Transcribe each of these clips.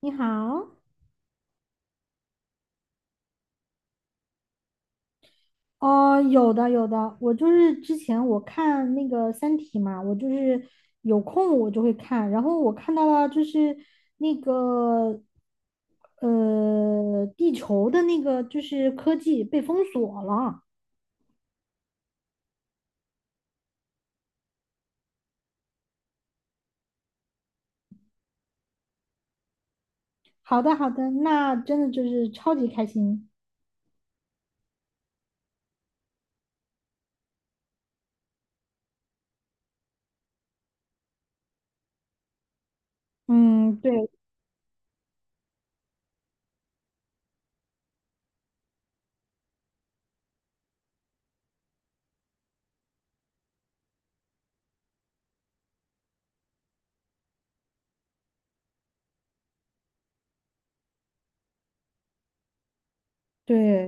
你好。哦，有的有的，我就是之前我看那个《三体》嘛，我就是有空我就会看，然后我看到了就是那个地球的那个就是科技被封锁了。好的好的，那真的就是超级开心。嗯，对，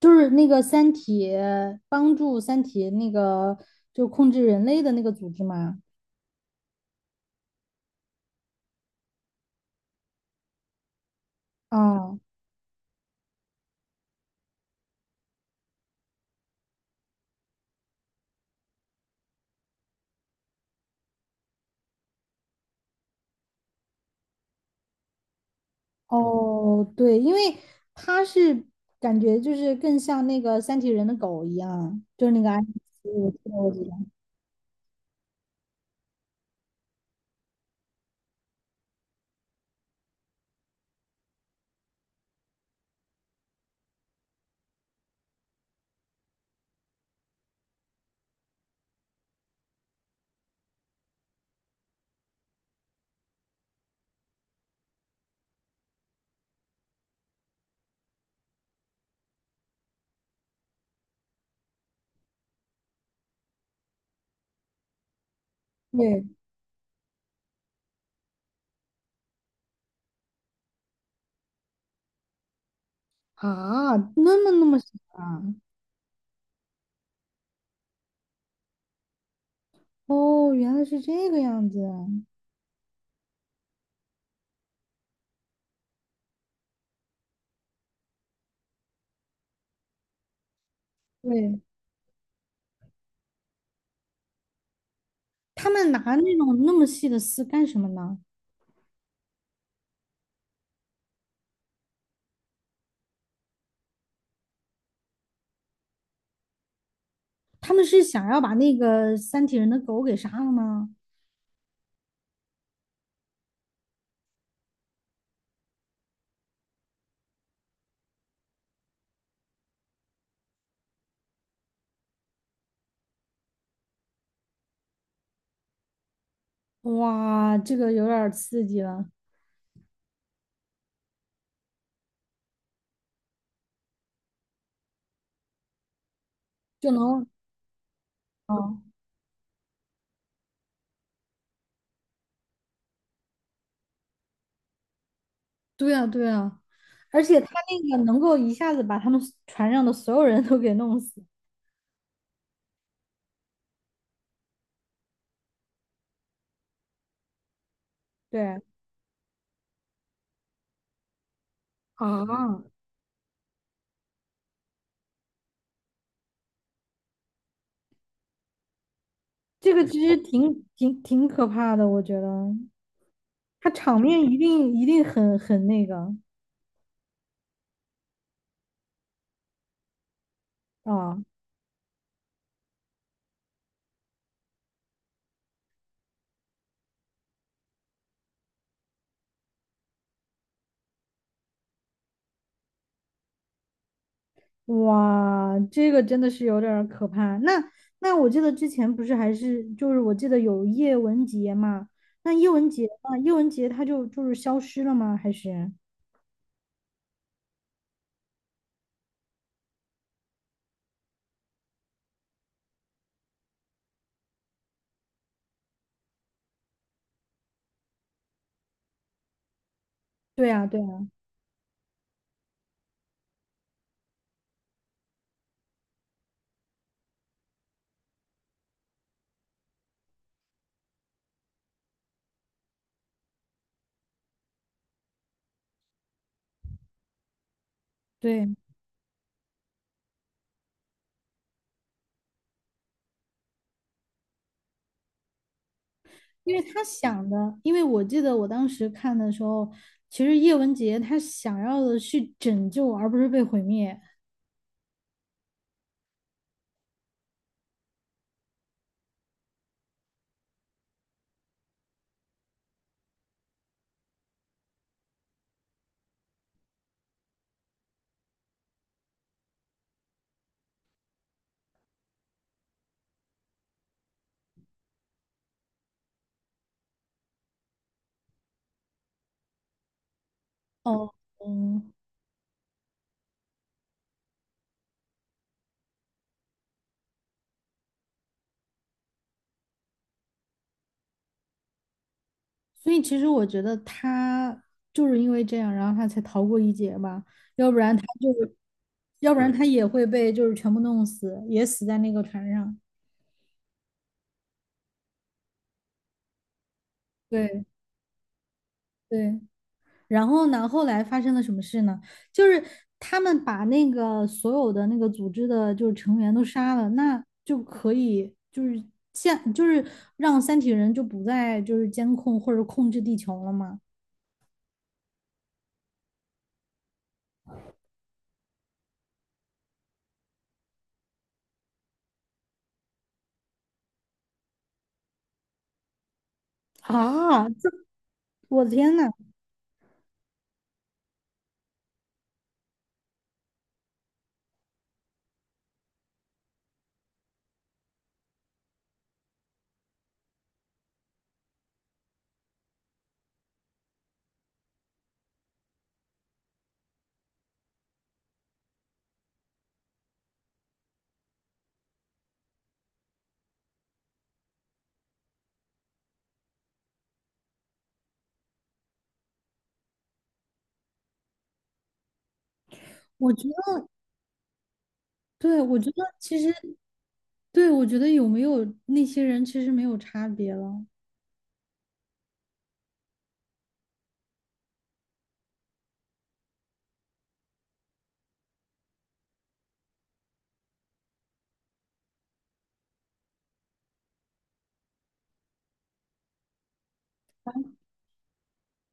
就是那个《三体》，帮助《三体》那个就控制人类的那个组织嘛。啊。哦，对，因为他是感觉就是更像那个三体人的狗一样，就是那个安琪，我记得，对啊，那么那么小啊。哦，原来是这个样子。对，他们拿那种那么细的丝干什么呢？他们是想要把那个三体人的狗给杀了吗？哇，这个有点儿刺激了。就能，啊！对啊对啊，而且他能够一下子把他们船上的所有人都给弄死。对啊，这个其实挺可怕的，我觉得他场面一定很那个啊。哇，这个真的是有点儿可怕。那那我记得之前不是还是就是我记得有叶文洁嘛，那叶文洁呢？叶文洁她就是消失了吗？还是？对啊，对啊，对，因为他想的，因为我记得我当时看的时候，其实叶文洁她想要的是拯救，而不是被毁灭。哦，嗯。所以其实我觉得他就是因为这样，然后他才逃过一劫吧。要不然要不然他也会被就是全部弄死，也死在那个船上。对对，然后呢，后来发生了什么事呢？就是他们把那个所有的那个组织的就是成员都杀了，那就可以就是监就是让三体人就不再就是监控或者控制地球了嘛。啊，我的天呐！我觉。对，我觉得其实，对，我觉得有没有那些人其实没有差别了。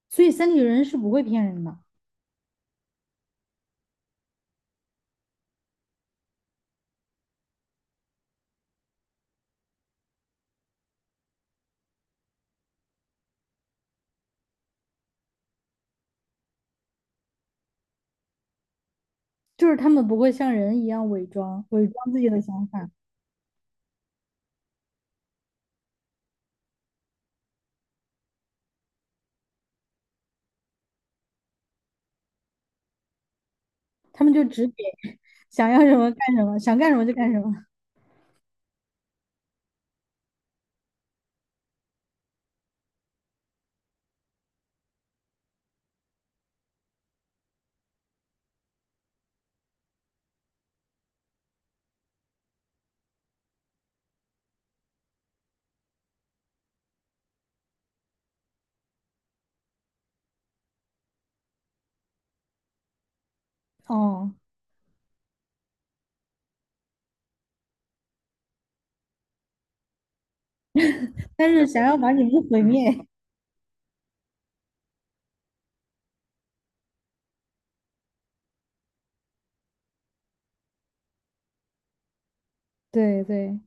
所以三体人是不会骗人的，就是他们不会像人一样伪装，伪装自己的想法，他们就只给 想要什么干什么，想干什么就干什么。哦，但是想要把你们毁灭。对对，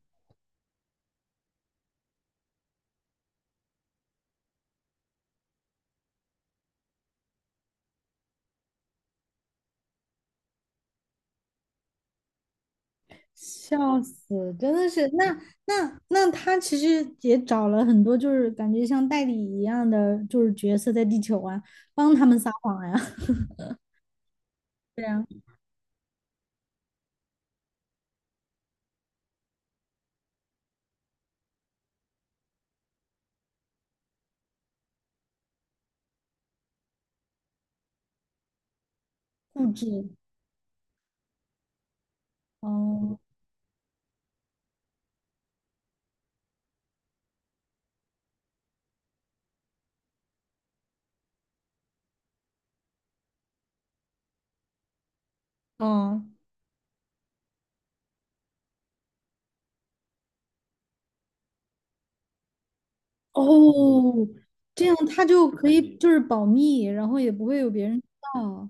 笑死，真的是。那那他其实也找了很多，就是感觉像代理一样的，就是角色在地球啊，帮他们撒谎呀、对呀、啊，固执。哦，哦，哦，这样他就可以就是保密，然后也不会有别人知道，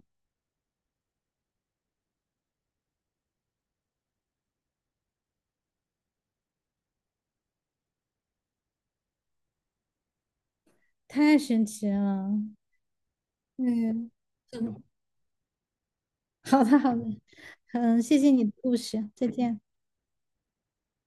太神奇了。嗯，嗯，好的好的，嗯，谢谢你的故事，再见。